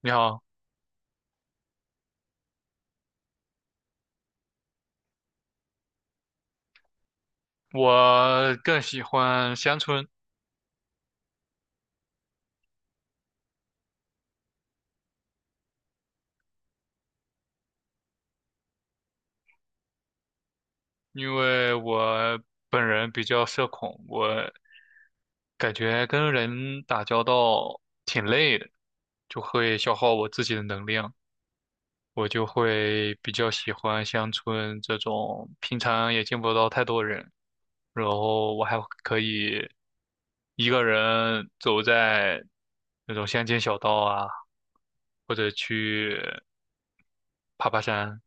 你好，我更喜欢乡村，因为我本人比较社恐，我感觉跟人打交道挺累的，就会消耗我自己的能量，我就会比较喜欢乡村这种平常也见不到太多人，然后我还可以一个人走在那种乡间小道啊，或者去爬爬山。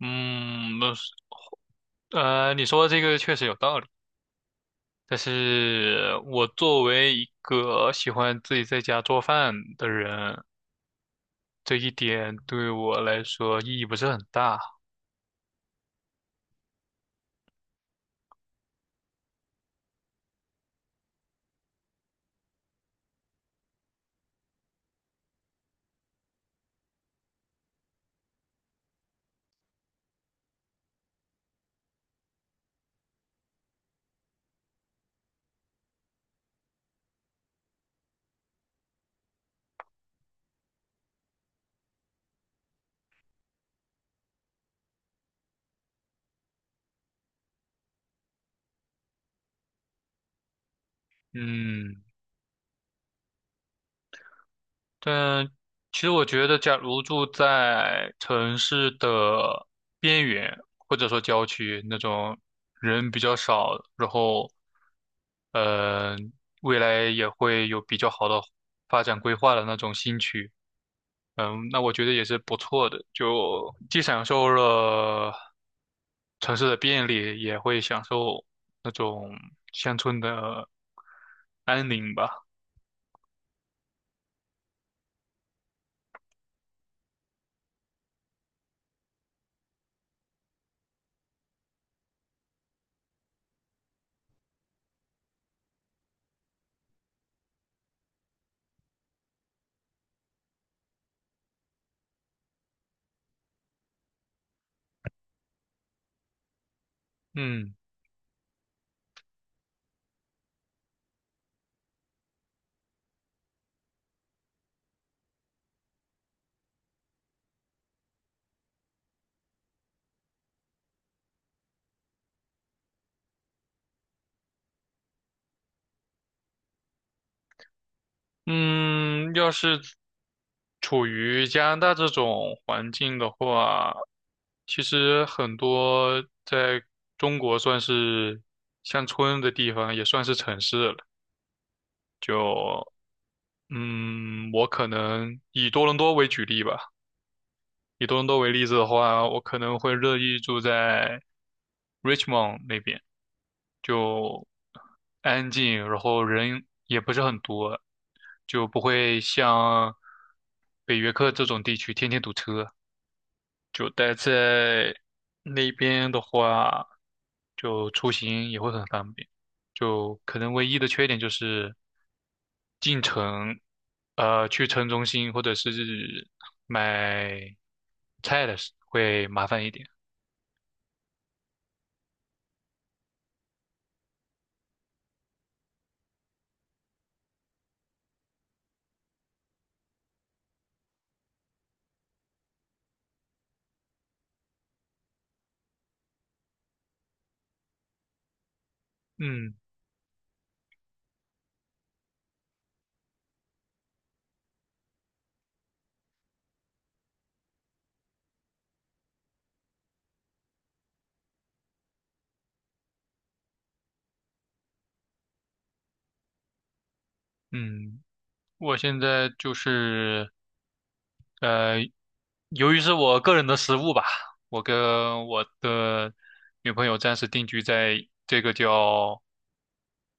嗯，你说的这个确实有道理。但是我作为一个喜欢自己在家做饭的人，这一点对我来说意义不是很大。嗯，但其实我觉得，假如住在城市的边缘，或者说郊区那种人比较少，然后，嗯、未来也会有比较好的发展规划的那种新区。嗯，那我觉得也是不错的，就既享受了城市的便利，也会享受那种乡村的安宁吧。嗯嗯，要是处于加拿大这种环境的话，其实很多在中国算是乡村的地方，也算是城市了。就我可能以多伦多为举例吧。以多伦多为例子的话，我可能会乐意住在 Richmond 那边，就安静，然后人也不是很多，就不会像北约克这种地区天天堵车。就待在那边的话，就出行也会很方便。就可能唯一的缺点就是进城，去城中心或者是买菜的时会麻烦一点。嗯嗯，我现在就是呃，由于是我个人的失误吧，我跟我的女朋友暂时定居在这个叫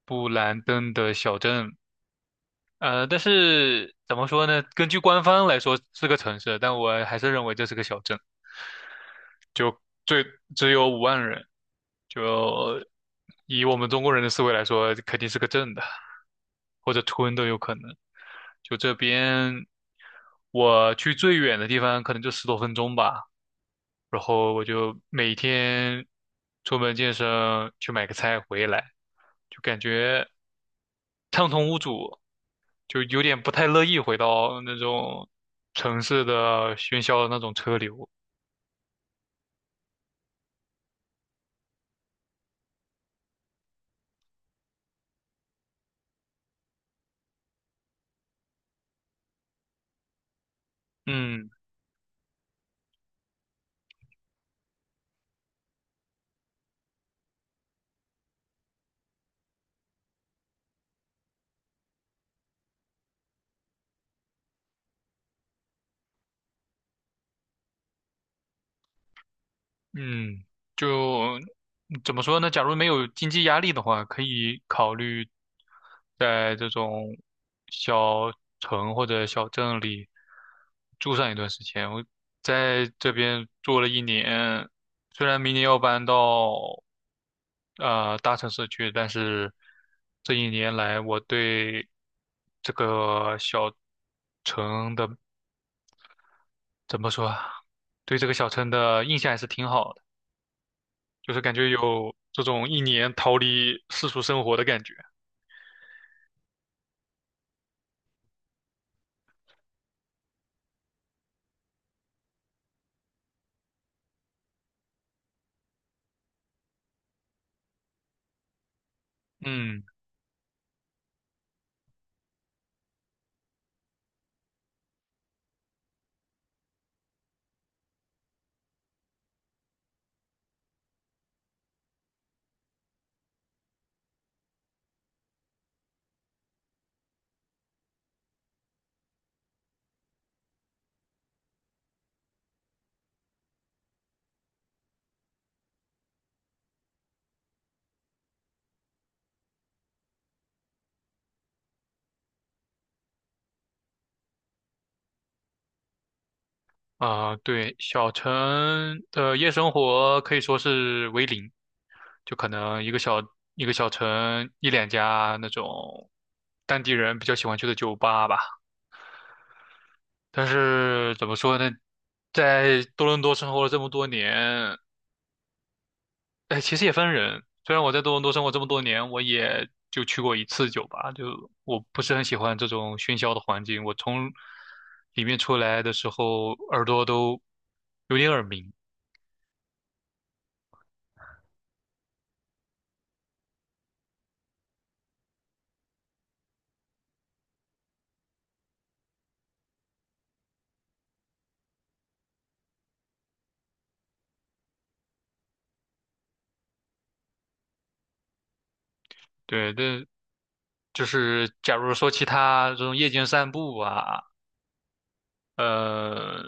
布兰登的小镇，但是怎么说呢？根据官方来说是个城市，但我还是认为这是个小镇。就最只有5万人，就以我们中国人的思维来说，肯定是个镇的，或者村都有可能。就这边，我去最远的地方可能就10多分钟吧，然后我就每天出门健身，去买个菜回来，就感觉畅通无阻，就有点不太乐意回到那种城市的喧嚣的那种车流。嗯，嗯，就怎么说呢？假如没有经济压力的话，可以考虑在这种小城或者小镇里住上一段时间。我在这边住了一年，虽然明年要搬到大城市去，但是这一年来我对这个小城的怎么说啊，对这个小城的印象还是挺好的。就是感觉有这种一年逃离世俗生活的感觉。嗯，啊、对，小城的夜生活可以说是为零，就可能一个小城一两家那种当地人比较喜欢去的酒吧吧。但是怎么说呢，在多伦多生活了这么多年，哎，其实也分人。虽然我在多伦多生活这么多年，我也就去过一次酒吧，就我不是很喜欢这种喧嚣的环境。我从里面出来的时候，耳朵都有点耳鸣。对，但就是假如说其他这种夜间散步啊，呃，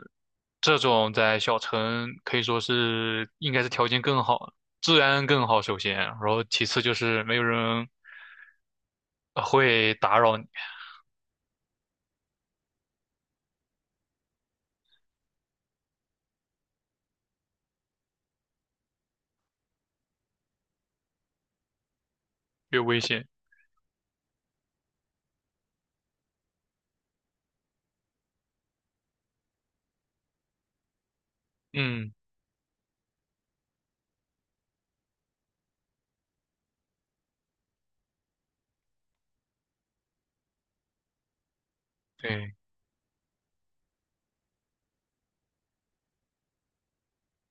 这种在小城可以说是应该是条件更好，治安更好，首先，然后其次就是没有人会打扰你，越危险。嗯，对。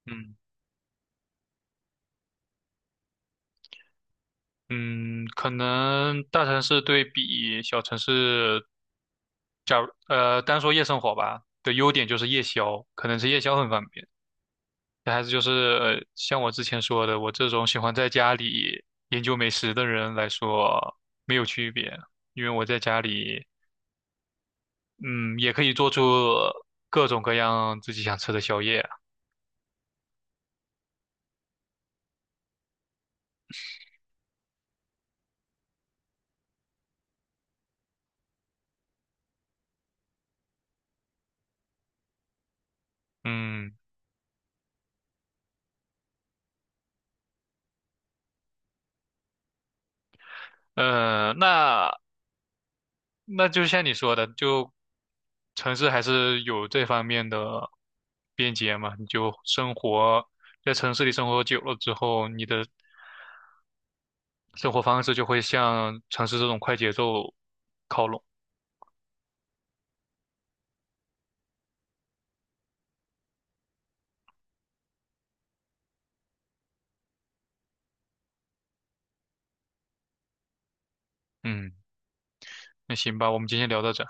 嗯。嗯，可能大城市对比小城市，单说夜生活吧，的优点就是夜宵，可能是夜宵很方便。还是就是，像我之前说的，我这种喜欢在家里研究美食的人来说，没有区别，因为我在家里，嗯，也可以做出各种各样自己想吃的宵夜啊。嗯，呃，那那就像你说的，就城市还是有这方面的便捷嘛。你就生活在城市里生活久了之后，你的生活方式就会向城市这种快节奏靠拢。嗯，那行吧，我们今天聊到这儿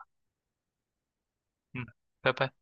嗯，拜拜。